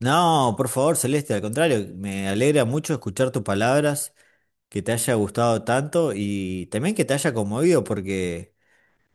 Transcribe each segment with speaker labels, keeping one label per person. Speaker 1: No, por favor, Celeste, al contrario, me alegra mucho escuchar tus palabras, que te haya gustado tanto y también que te haya conmovido, porque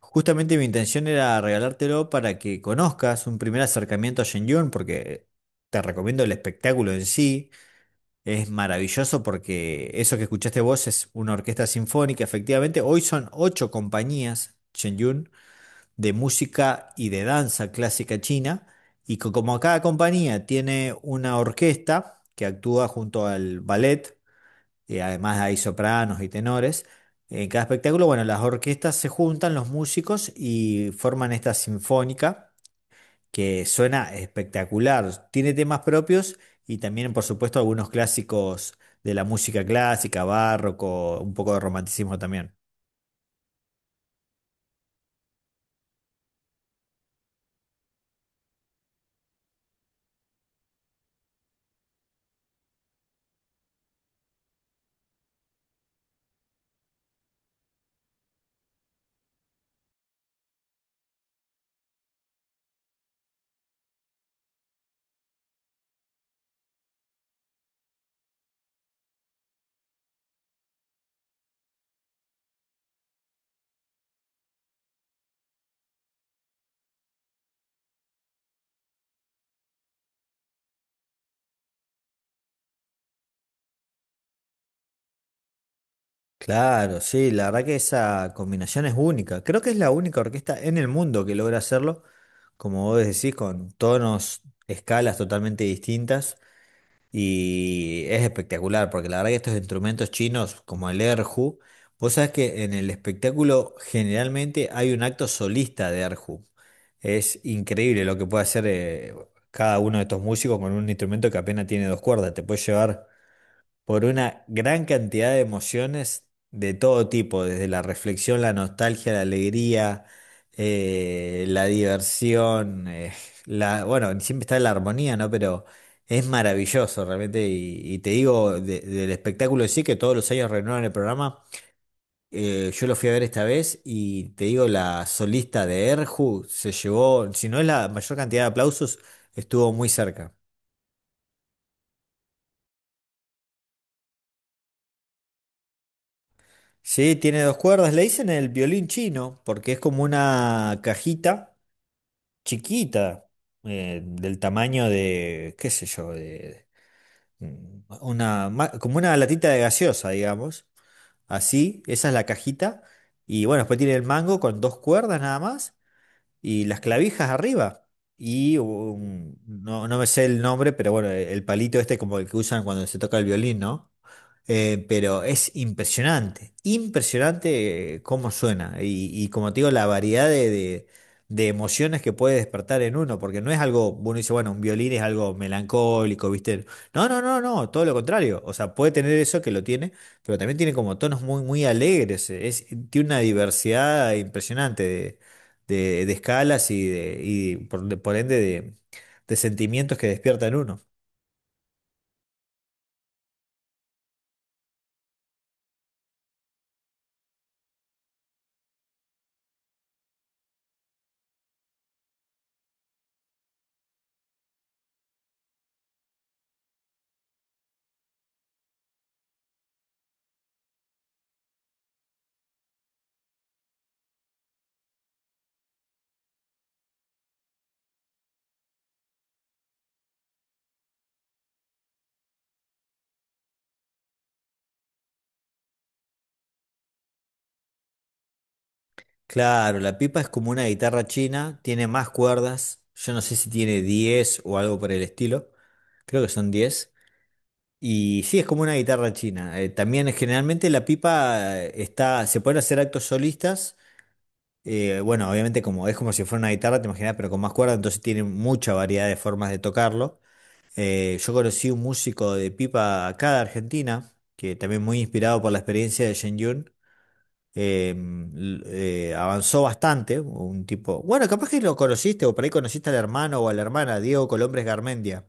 Speaker 1: justamente mi intención era regalártelo para que conozcas un primer acercamiento a Shenyun, porque te recomiendo el espectáculo en sí, es maravilloso porque eso que escuchaste vos es una orquesta sinfónica, efectivamente, hoy son ocho compañías, Shenyun de música y de danza clásica china. Y como cada compañía tiene una orquesta que actúa junto al ballet, y además hay sopranos y tenores, en cada espectáculo, bueno, las orquestas se juntan, los músicos, y forman esta sinfónica que suena espectacular. Tiene temas propios y también, por supuesto, algunos clásicos de la música clásica, barroco, un poco de romanticismo también. Claro, sí, la verdad que esa combinación es única. Creo que es la única orquesta en el mundo que logra hacerlo, como vos decís, con tonos, escalas totalmente distintas. Y es espectacular, porque la verdad que estos instrumentos chinos, como el erhu, vos sabés que en el espectáculo generalmente hay un acto solista de erhu. Es increíble lo que puede hacer cada uno de estos músicos con un instrumento que apenas tiene dos cuerdas. Te puede llevar por una gran cantidad de emociones de todo tipo, desde la reflexión, la nostalgia, la alegría, la diversión, la, bueno, siempre está la armonía, ¿no? Pero es maravilloso realmente y te digo, del espectáculo en sí, que todos los años renuevan el programa, yo lo fui a ver esta vez y te digo, la solista de Erju se llevó, si no es la mayor cantidad de aplausos, estuvo muy cerca. Sí, tiene dos cuerdas. Le dicen el violín chino porque es como una cajita chiquita, del tamaño de, qué sé yo, de una, como una latita de gaseosa, digamos. Así, esa es la cajita. Y bueno, después tiene el mango con dos cuerdas nada más y las clavijas arriba. Y no, no me sé el nombre, pero bueno, el palito este como el que usan cuando se toca el violín, ¿no? Pero es impresionante, impresionante cómo suena y como te digo, la variedad de, de emociones que puede despertar en uno, porque no es algo, uno dice, bueno, un violín es algo melancólico, ¿viste? No, no, no, no, todo lo contrario, o sea, puede tener eso que lo tiene, pero también tiene como tonos muy, muy alegres, es, tiene una diversidad impresionante de, de escalas y, de, y por ende de sentimientos que despierta en uno. Claro, la pipa es como una guitarra china, tiene más cuerdas, yo no sé si tiene 10 o algo por el estilo, creo que son 10. Y sí, es como una guitarra china. También generalmente la pipa está, se pueden hacer actos solistas, bueno, obviamente como es como si fuera una guitarra, te imaginas, pero con más cuerdas, entonces tiene mucha variedad de formas de tocarlo. Yo conocí un músico de pipa acá de Argentina, que también muy inspirado por la experiencia de Shen eh, avanzó bastante, un tipo, bueno, capaz que lo conociste o por ahí conociste al hermano o a la hermana, Diego Colombres Garmendia.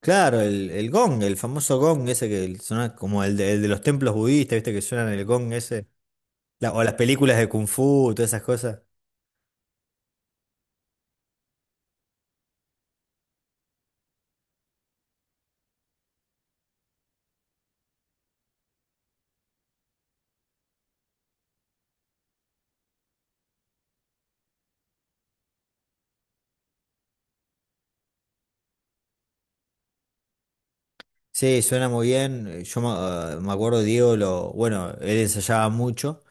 Speaker 1: Claro, el gong, el famoso gong ese que suena como el de los templos budistas, ¿viste? Que suenan el gong ese. O las películas de Kung Fu, todas esas cosas. Sí, suena muy bien. Yo me, ah, me acuerdo, Diego, lo, bueno, él ensayaba mucho.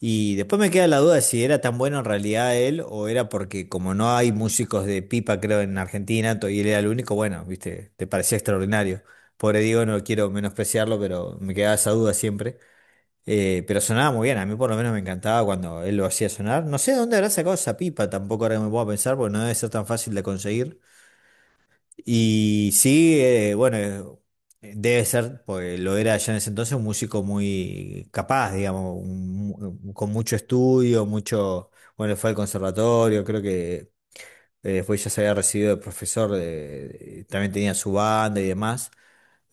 Speaker 1: Y después me queda la duda de si era tan bueno en realidad él o era porque como no hay músicos de pipa, creo, en Argentina, y él era el único, bueno, viste, te parecía extraordinario. Pobre Diego, no quiero menospreciarlo, pero me quedaba esa duda siempre. Pero sonaba muy bien, a mí por lo menos me encantaba cuando él lo hacía sonar. No sé de dónde habrá sacado esa pipa, tampoco ahora que me puedo pensar, porque no debe ser tan fácil de conseguir. Y sí, bueno, debe ser, porque lo era ya en ese entonces, un músico muy capaz, digamos, con mucho estudio, mucho, bueno, fue al conservatorio, creo que después ya se había recibido de profesor, también tenía su banda y demás.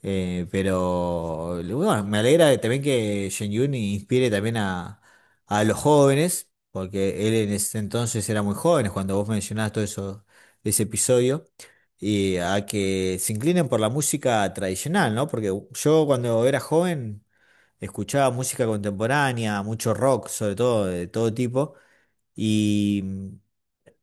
Speaker 1: Pero bueno, me alegra también que Shen Yun inspire también a los jóvenes, porque él en ese entonces era muy joven, cuando vos mencionabas todo eso, ese episodio, y a que se inclinen por la música tradicional, ¿no? Porque yo cuando era joven escuchaba música contemporánea, mucho rock, sobre todo, de todo tipo, y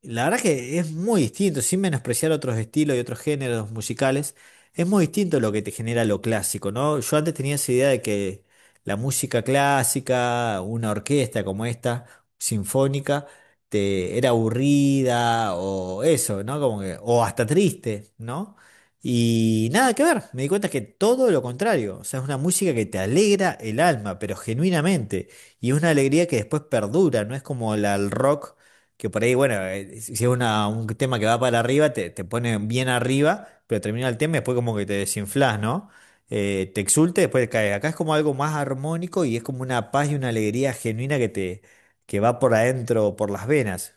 Speaker 1: la verdad que es muy distinto, sin menospreciar otros estilos y otros géneros musicales, es muy distinto lo que te genera lo clásico, ¿no? Yo antes tenía esa idea de que la música clásica, una orquesta como esta, sinfónica, te era aburrida o eso, ¿no? Como que, o hasta triste, ¿no? Y nada que ver, me di cuenta que todo lo contrario, o sea, es una música que te alegra el alma, pero genuinamente, y es una alegría que después perdura, no es como la, el rock que por ahí, bueno, si es un tema que va para arriba, te pone bien arriba, pero termina el tema y después como que te desinflás, ¿no? Te exulte, después te caes. Acá es como algo más armónico y es como una paz y una alegría genuina que te, que va por adentro, por las venas.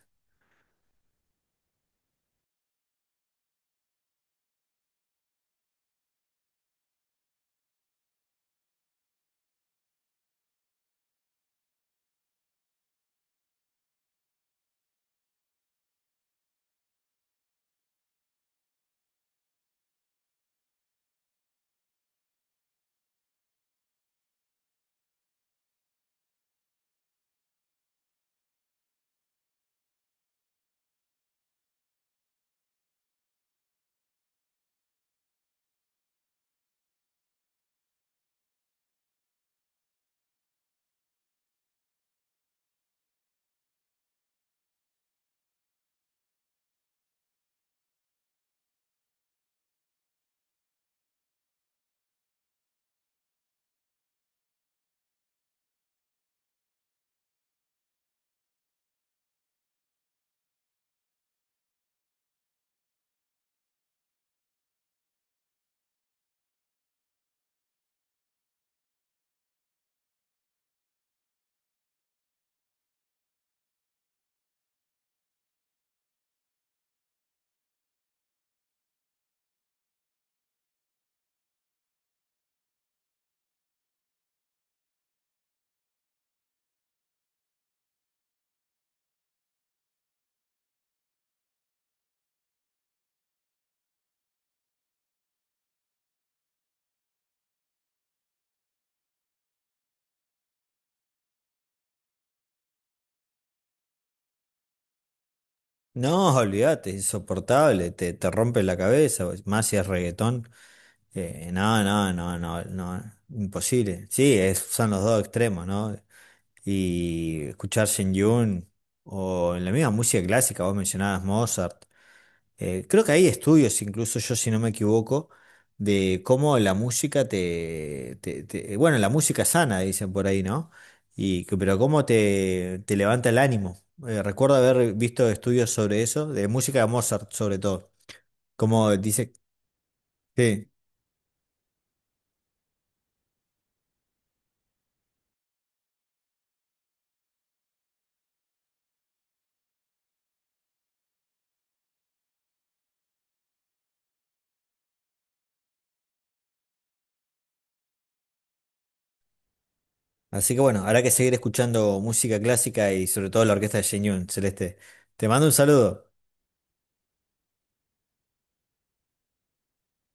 Speaker 1: No, olvídate, es insoportable, te rompe la cabeza, más si es reggaetón. No, no, no, no, no, imposible. Sí, es- son los dos extremos, ¿no? Y escuchar Shen Yun o en la misma música clásica, vos mencionabas Mozart. Creo que hay estudios, incluso yo si no me equivoco, de cómo la música bueno, la música sana, dicen por ahí, ¿no? Pero cómo te, te levanta el ánimo. Recuerdo haber visto estudios sobre eso, de música de Mozart sobre todo. Como dice, sí. Así que bueno, habrá que seguir escuchando música clásica y sobre todo la orquesta de Shen Yun, Celeste. Te mando un saludo.